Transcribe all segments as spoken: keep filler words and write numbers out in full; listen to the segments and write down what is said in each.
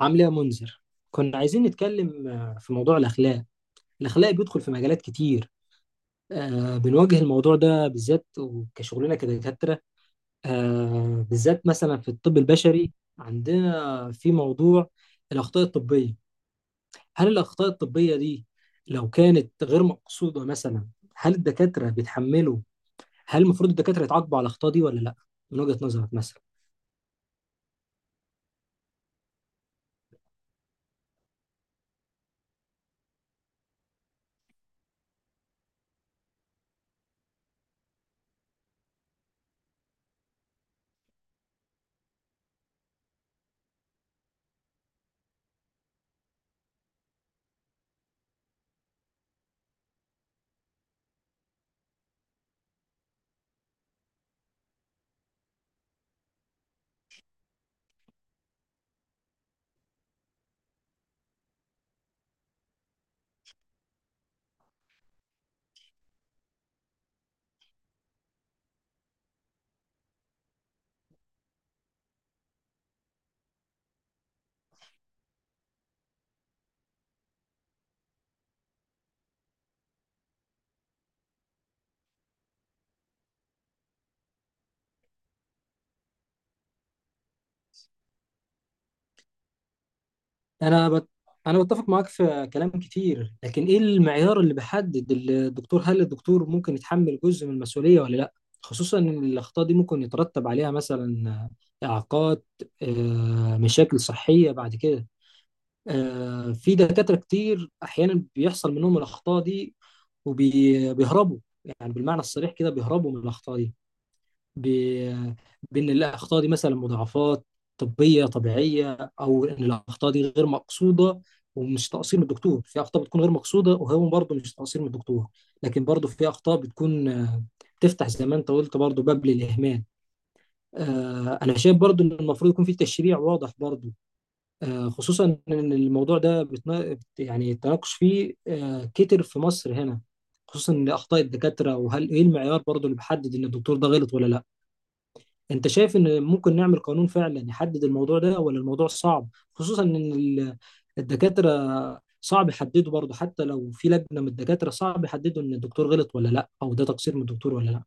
عامل ايه يا منذر؟ كنا عايزين نتكلم آه، في موضوع الاخلاق. الاخلاق بيدخل في مجالات كتير. آه، بنواجه الموضوع ده بالذات وكشغلنا كدكاترة، آه، بالذات مثلا في الطب البشري. عندنا في موضوع الاخطاء الطبية. هل الاخطاء الطبية دي لو كانت غير مقصودة مثلا، هل الدكاترة بيتحملوا؟ هل المفروض الدكاترة يتعاقبوا على الاخطاء دي ولا لا؟ من وجهة نظرك مثلا. انا بت... انا بتفق معاك في كلام كتير، لكن ايه المعيار اللي بيحدد الدكتور؟ هل الدكتور ممكن يتحمل جزء من المسؤولية ولا لا؟ خصوصا ان الاخطاء دي ممكن يترتب عليها مثلا آه، اعاقات، آه، مشاكل صحية بعد كده. آه، في دكاترة كتير احيانا بيحصل منهم الاخطاء دي وبيهربوا. يعني بالمعنى الصريح كده بيهربوا من الاخطاء دي ب... بان الاخطاء دي مثلا مضاعفات طبيه طبيعيه، او ان الاخطاء دي غير مقصوده ومش تقصير من الدكتور. في اخطاء بتكون غير مقصوده وهو برضه مش تقصير من الدكتور، لكن برضه في اخطاء بتكون آه، بتفتح زي ما انت قلت برضه باب للاهمال. آه، انا شايف برضه ان المفروض يكون في تشريع واضح برضه، آه، خصوصا ان الموضوع ده بتنا... بت- يعني التناقش فيه آه، كتر في مصر هنا، خصوصا ان اخطاء الدكاتره، وهل ايه المعيار برضه اللي بيحدد ان الدكتور ده غلط ولا لا؟ انت شايف ان ممكن نعمل قانون فعلا يحدد الموضوع ده، ولا الموضوع صعب؟ خصوصا ان ال- الدكاترة صعب يحددوا برضه، حتى لو في لجنة من الدكاترة صعب يحددوا ان الدكتور غلط ولا لا، او ده تقصير من الدكتور ولا لا.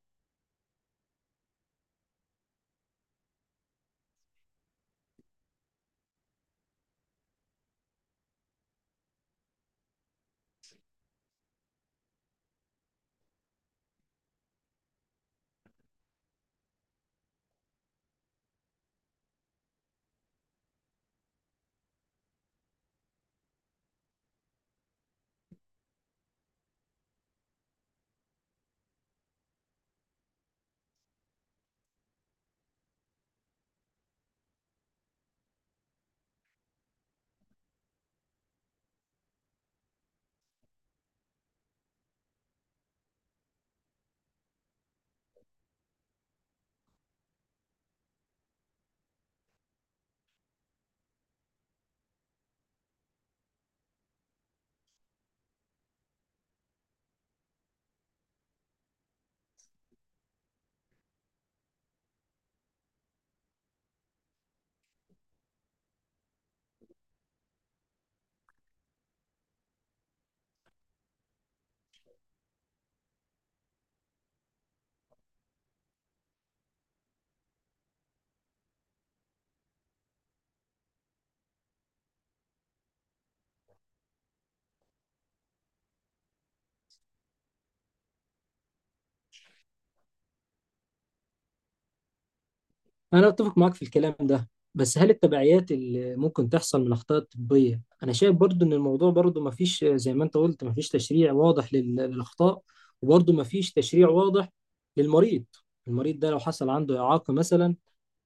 انا اتفق معاك في الكلام ده، بس هل التبعيات اللي ممكن تحصل من الاخطاء الطبية؟ انا شايف برضه ان الموضوع برضه ما فيش، زي ما انت قلت، ما فيش تشريع واضح لل- للاخطاء، وبرضه ما فيش تشريع واضح للمريض. المريض ده لو حصل عنده إعاقة مثلا،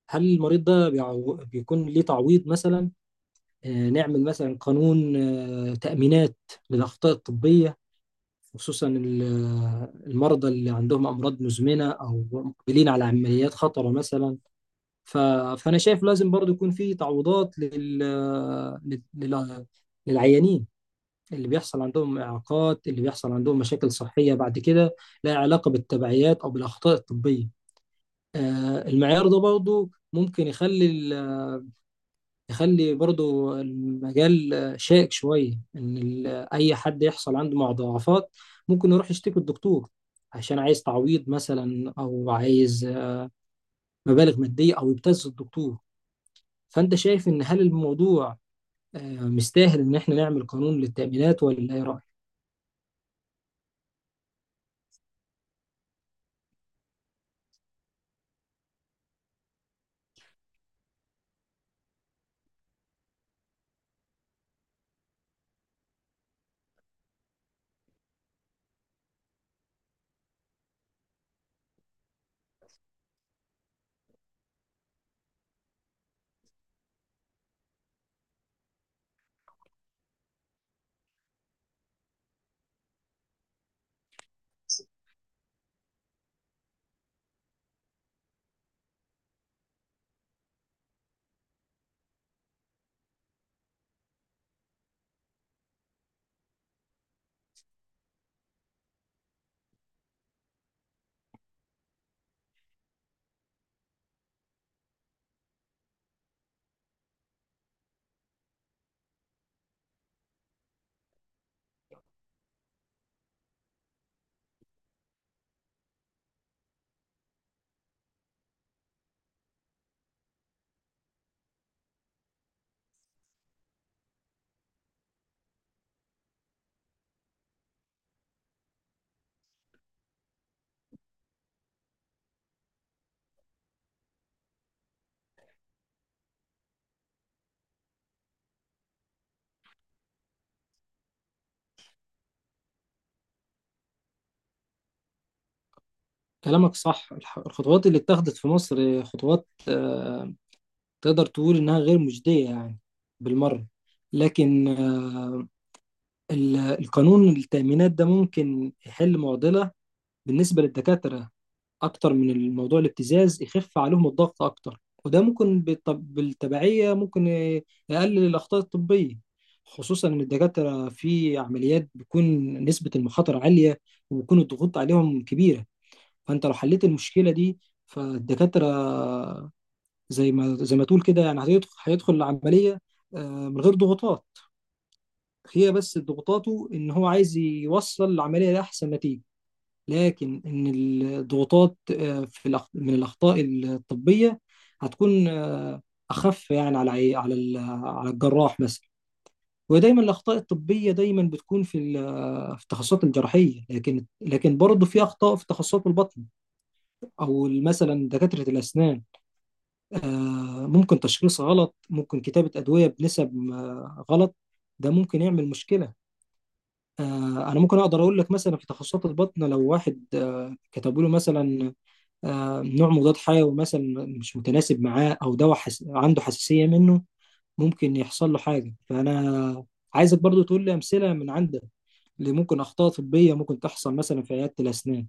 هل المريض ده بيعو- بيكون ليه تعويض مثلا؟ آه، نعمل مثلا قانون آه، تأمينات للأخطاء الطبية، خصوصا ال- آه، المرضى اللي عندهم أمراض مزمنة أو مقبلين على عمليات خطرة مثلا. ف- فأنا شايف لازم برضو يكون في تعويضات لل... آه، لل... لل- للعيانين اللي بيحصل عندهم إعاقات، اللي بيحصل عندهم مشاكل صحية بعد كده، لها علاقة بالتبعيات أو بالأخطاء الطبية. آه، المعيار ده برضو ممكن يخلي ال- يخلي برضو المجال شائك شوية، إن ال- أي حد يحصل عنده مضاعفات ممكن يروح يشتكي الدكتور عشان عايز تعويض مثلا، أو عايز مبالغ مادية، أو يبتز الدكتور. فأنت شايف إن هل الموضوع آه، مستاهل إن إحنا نعمل قانون للتأمينات، ولا إيه رأيك؟ كلامك صح. الح- الخطوات اللي اتخذت في مصر خطوات آه، تقدر تقول إنها غير مجدية يعني بالمرة. لكن آه، ال- القانون التأمينات ده ممكن يحل معضلة بالنسبة للدكاترة أكتر من الموضوع الابتزاز، يخف عليهم الضغط أكتر، وده ممكن بالط- بالتبعية ممكن ي- يقلل الأخطاء الطبية. خصوصا إن الدكاترة في عمليات بيكون نسبة المخاطر عالية وبيكون الضغوط عليهم كبيرة. فأنت لو حليت المشكلة دي، فالدكاترة زي ما زي ما تقول كده يعني هيدخل هيدخل العملية آه، من غير ضغوطات. هي بس ضغوطاته إن هو عايز يوصل العملية لأحسن نتيجة. لكن ان الضغوطات آه، في الأخ- من الاخطاء الطبيه هتكون آه، اخف يعني على عي- على ال- على الجراح مثلا. ودايما الاخطاء الطبيه دايما بتكون في ال- في التخصصات الجراحيه، لكن لكن برضه في اخطاء في تخصصات البطن، او مثلا دكاتره الاسنان. آه، ممكن تشخيص غلط، ممكن كتابه ادويه بنسب آه، غلط. ده ممكن يعمل مشكله. آه، انا ممكن اقدر اقول لك مثلا في تخصصات البطن، لو واحد آه، كتبوا له مثلا آه، نوع مضاد حيوي مثلا مش متناسب معاه، او دواء حس... عنده حساسية منه، ممكن يحصل له حاجة. فانا عايزك برضو تقول لي امثلة من عندك اللي ممكن اخطاء طبية ممكن تحصل مثلا في عيادة الاسنان.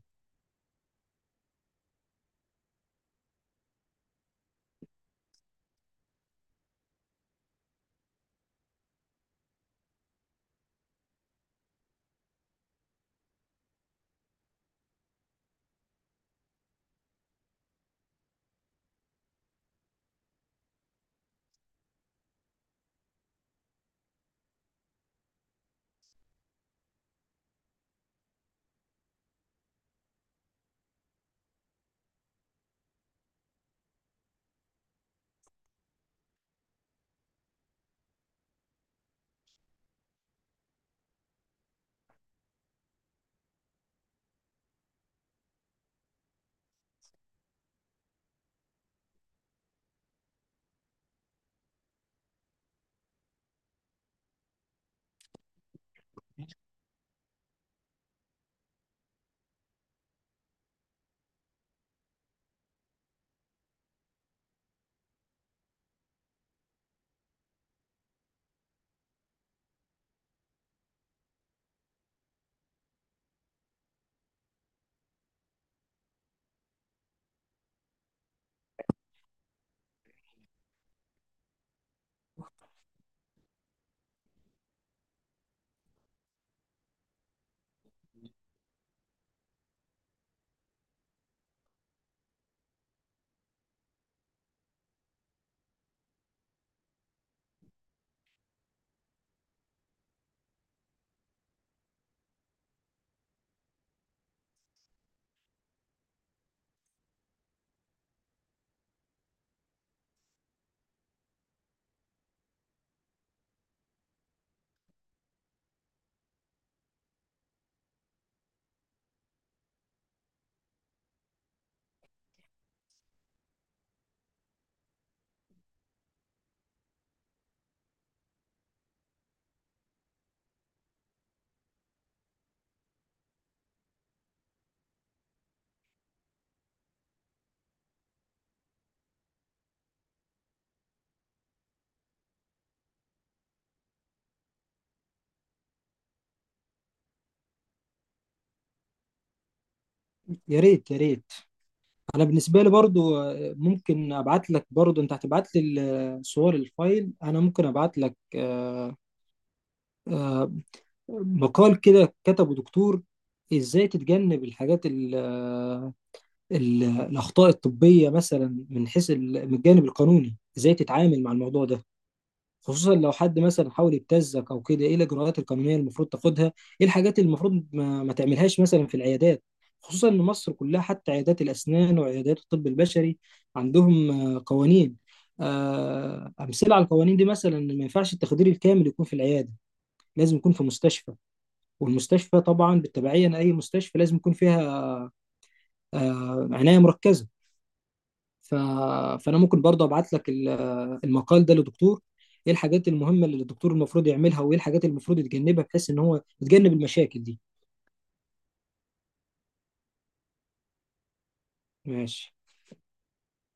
يا ريت يا ريت. انا بالنسبة لي برضو، آه، ممكن ابعت لك برضو، انت هتبعت لي ال- صور الفايل، انا ممكن ابعت لك آه، آه، مقال كده كتبه دكتور ازاي تتجنب الحاجات ال- آه، ال- الأخطاء الطبية، مثلا من حيث ال- من الجانب القانوني إزاي تتعامل مع الموضوع ده، خصوصا لو حد مثلا حاول يبتزك أو كده، إيه الإجراءات القانونية المفروض تاخدها، إيه الحاجات اللي المفروض ما, ما تعملهاش مثلا في العيادات. خصوصا إن مصر كلها حتى عيادات الأسنان وعيادات الطب البشري عندهم آه، قوانين. آه، أمثلة على القوانين دي مثلا إن ما ينفعش التخدير الكامل يكون في العيادة، لازم يكون في مستشفى. والمستشفى طبعا بالتبعية، لأي مستشفى لازم يكون فيها آه، عناية مركزة. ف... فانا ممكن برضه ابعت لك ال- المقال ده للدكتور، ايه الحاجات المهمه اللي الدكتور المفروض يعملها، وايه الحاجات اللي المفروض يتجنبها بحيث ان هو يتجنب المشاكل دي. ماشي.